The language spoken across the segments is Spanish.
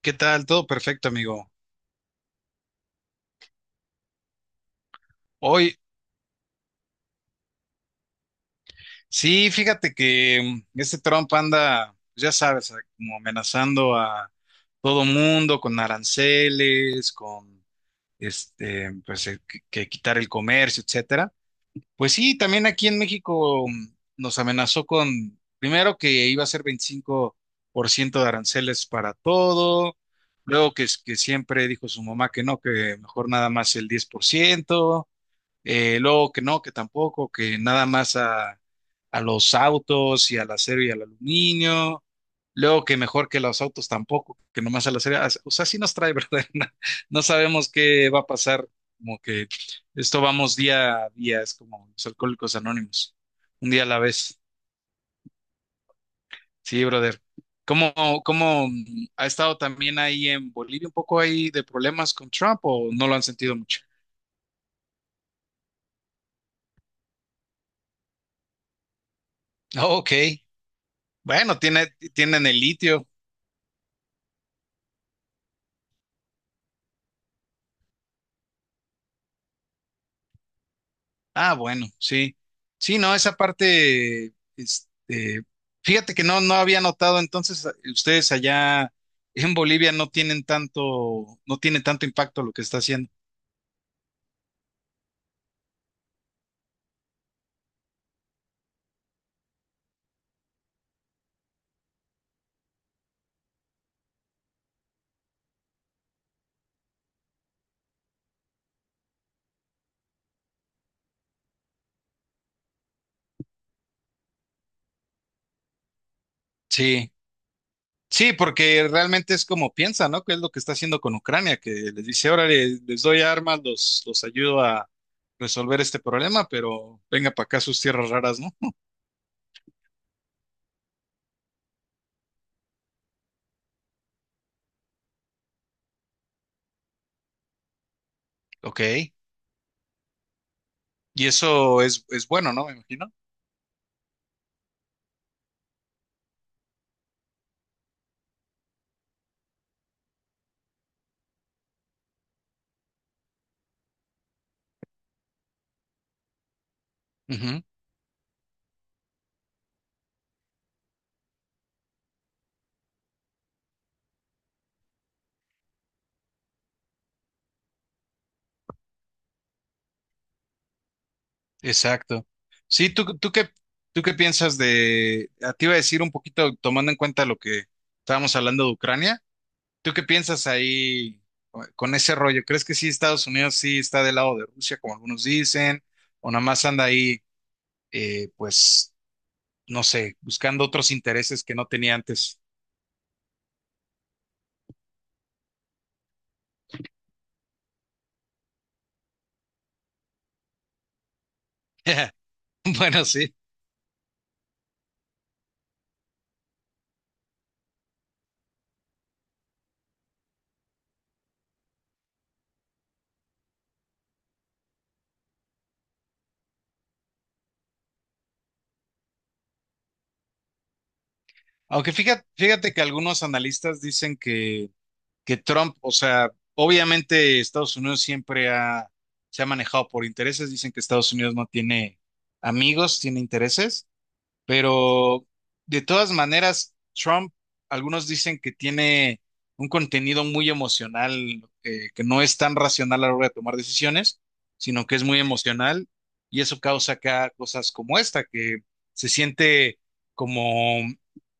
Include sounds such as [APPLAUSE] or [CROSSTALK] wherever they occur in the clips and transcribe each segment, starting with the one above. ¿Qué tal? Todo perfecto, amigo. Hoy, sí, fíjate que Trump anda, ya sabes, como amenazando a todo mundo con aranceles, con pues que quitar el comercio, etcétera. Pues sí, también aquí en México nos amenazó con, primero que iba a ser 25% de aranceles para todo, luego que, que siempre dijo su mamá que no, que mejor nada más el 10%. Luego que no, que tampoco, que nada más a los autos y al acero y al aluminio. Luego que mejor que los autos tampoco, que nomás al acero. O sea, sí nos trae, [LAUGHS] ¿verdad? No, no sabemos qué va a pasar. Como que esto vamos día a día, es como los alcohólicos anónimos, un día a la vez. Sí, brother. ¿Cómo, ¿cómo ha estado también ahí en Bolivia un poco ahí de problemas con Trump o no lo han sentido mucho? Ok, bueno, tienen el litio. Ah, bueno, sí. Sí, no, esa parte, fíjate que no, no había notado, entonces ustedes allá en Bolivia no tienen tanto, no tiene tanto impacto lo que está haciendo. Sí, sí, porque realmente es como piensa, ¿no? Que es lo que está haciendo con Ucrania, que les dice, ahora doy armas, los ayudo a resolver este problema, pero venga para acá a sus tierras raras, ¿no? Ok. Y es bueno, ¿no? Me imagino. Exacto. Sí, ¿tú qué piensas de, a ti iba a decir un poquito tomando en cuenta lo que estábamos hablando de Ucrania, ¿tú qué piensas ahí con ese rollo? ¿Crees que sí Estados Unidos sí está del lado de Rusia, como algunos dicen, o nada más anda ahí, pues, no sé, buscando otros intereses que no tenía antes? [LAUGHS] Bueno, sí. Aunque fíjate que algunos analistas dicen que Trump, o sea, obviamente Estados Unidos siempre ha, se ha manejado por intereses, dicen que Estados Unidos no tiene amigos, tiene intereses, pero de todas maneras, Trump, algunos dicen que tiene un contenido muy emocional, que no es tan racional a la hora de tomar decisiones, sino que es muy emocional y eso causa acá cosas como esta, que se siente como...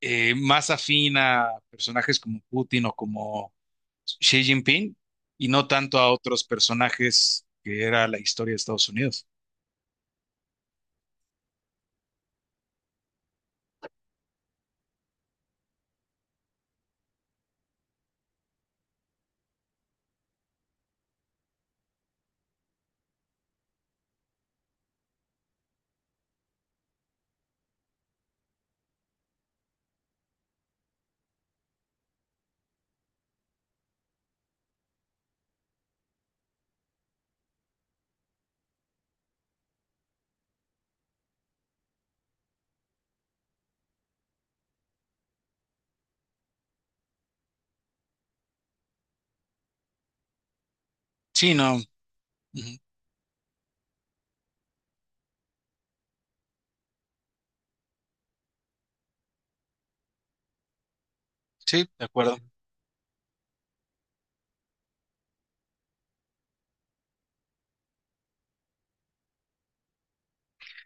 más afín a personajes como Putin o como Xi Jinping y no tanto a otros personajes que era la historia de Estados Unidos. Sí, no. Ujú. Sí, de acuerdo.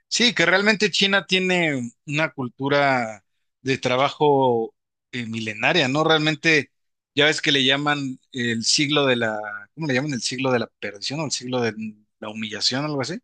Sí, que realmente China tiene una cultura de trabajo milenaria, ¿no? Realmente, ya ves que le llaman el siglo de la, ¿cómo le llaman? El siglo de la perdición o el siglo de la humillación, algo así,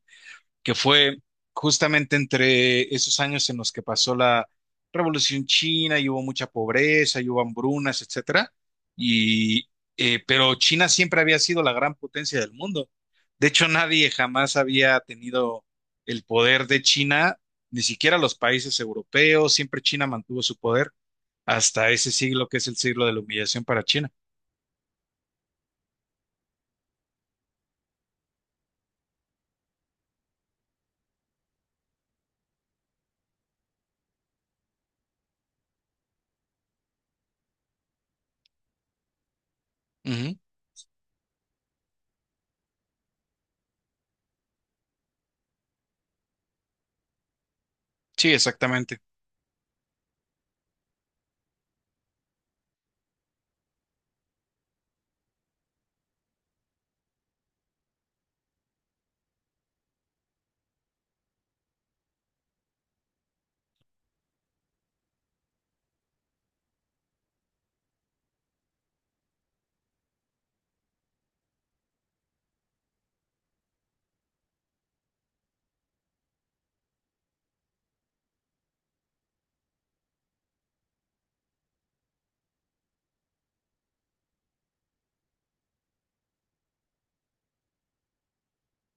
que fue justamente entre esos años en los que pasó la Revolución China y hubo mucha pobreza y hubo hambrunas, etcétera. Y, pero China siempre había sido la gran potencia del mundo. De hecho, nadie jamás había tenido el poder de China, ni siquiera los países europeos. Siempre China mantuvo su poder hasta ese siglo que es el siglo de la humillación para China. Ujú. Sí, exactamente.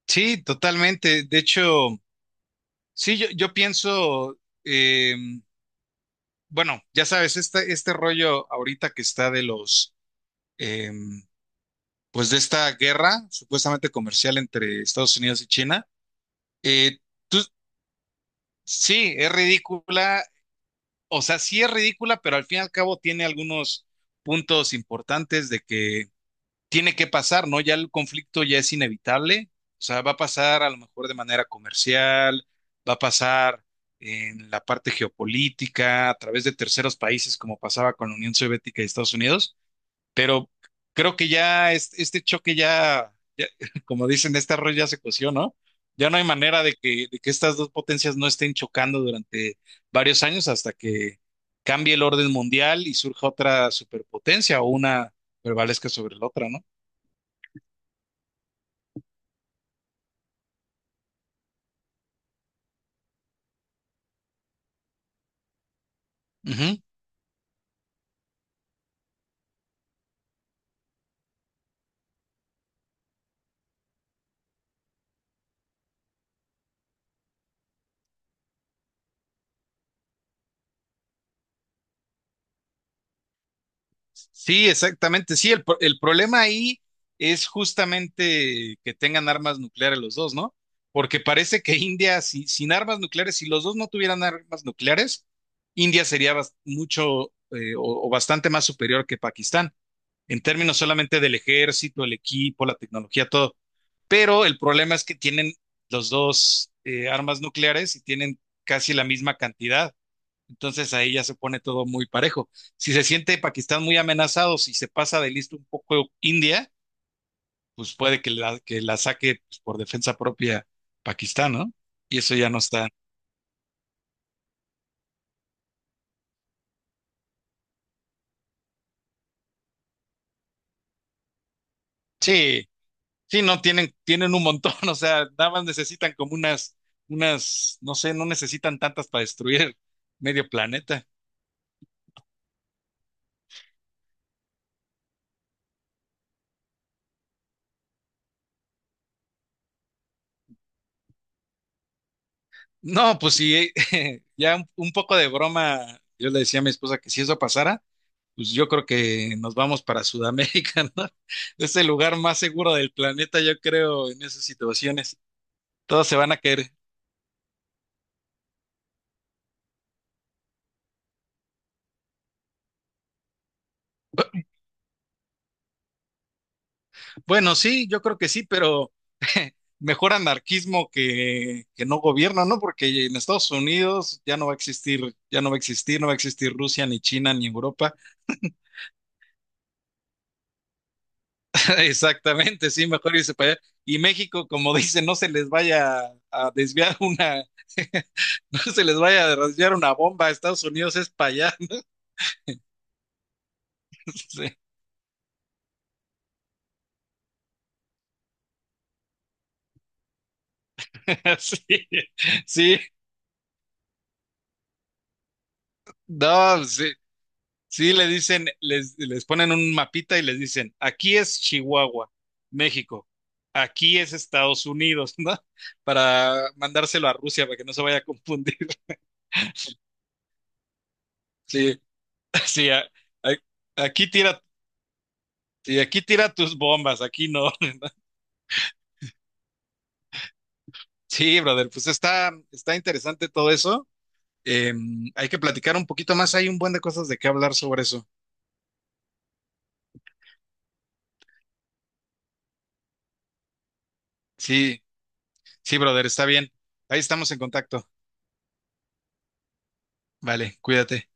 Sí, totalmente. De hecho, sí, yo pienso, em, bueno, ya sabes, este rollo ahorita que está de los, em, pues de esta guerra supuestamente comercial entre Estados Unidos y China, eh, tú- sí, es ridícula, o sea, sí es ridícula, pero al fin y al cabo tiene algunos puntos importantes de que tiene que pasar, ¿no? Ya el conflicto ya es inevitable, o sea, va a pasar a lo mejor de manera comercial, va a pasar en la parte geopolítica, a través de terceros países, como pasaba con la Unión Soviética y Estados Unidos. Pero creo que este choque ya, [LAUGHS] como dicen, este arroz ya se coció, ¿no? Ya no hay manera de de que estas dos potencias no estén chocando durante varios años hasta que cambie el orden mundial y surja otra superpotencia o una prevalezca sobre la otra, ¿no? Sí, exactamente. Sí, el problema ahí es justamente que tengan armas nucleares los dos, ¿no? Porque parece que India, sin armas nucleares, si los dos no tuvieran armas nucleares, India sería mucho o bastante más superior que Pakistán, en términos solamente del ejército, el equipo, la tecnología, todo. Pero el problema es que tienen los dos armas nucleares y tienen casi la misma cantidad. Entonces ahí ya se pone todo muy parejo. Si se siente Pakistán muy amenazado, si se pasa de listo un poco India, pues puede que que la saque pues, por defensa propia Pakistán, ¿no? Y eso ya no está. Sí, sí, no, tienen un montón, [LAUGHS] o sea, nada más necesitan como unas, no sé, no necesitan tantas para destruir medio planeta. No, pues sí, [LAUGHS] ya un poco de broma, yo le decía a mi esposa que si eso pasara, pues yo creo que nos vamos para Sudamérica, [LAUGHS] ¿no? Es el lugar más seguro del planeta, yo creo, en esas situaciones. Todos se van a caer. [CLEARS THROAT] Bueno, sí, yo creo que sí, pero [LAUGHS] mejor anarquismo que no gobierno, ¿no? Porque en Estados Unidos ya no va a existir, ya no va a existir, no va a existir Rusia, ni China, ni Europa. [LAUGHS] Exactamente, sí, mejor irse para allá. Y México, como [LAUGHS] dicen, no se les vaya a desviar una, [LAUGHS] no se les vaya a desviar una bomba. Estados Unidos es para allá. Sí, [LAUGHS] sí, sí, no, sí, sí, le dicen, les ponen un mapita y les dicen, aquí es Chihuahua, México, aquí es Estados Unidos, ¿no? Para mandárselo a Rusia para que no se vaya a confundir. [LAUGHS] Sí, sí, aquí tira, sí, aquí tira tus bombas, aquí no. [LAUGHS] Sí, brother, pues está, está interesante todo eso. Em, hay que platicar un poquito más, hay un buen de cosas de qué hablar sobre eso. Sí. Sí, brother, está bien. Ahí estamos en contacto. Vale, cuídate.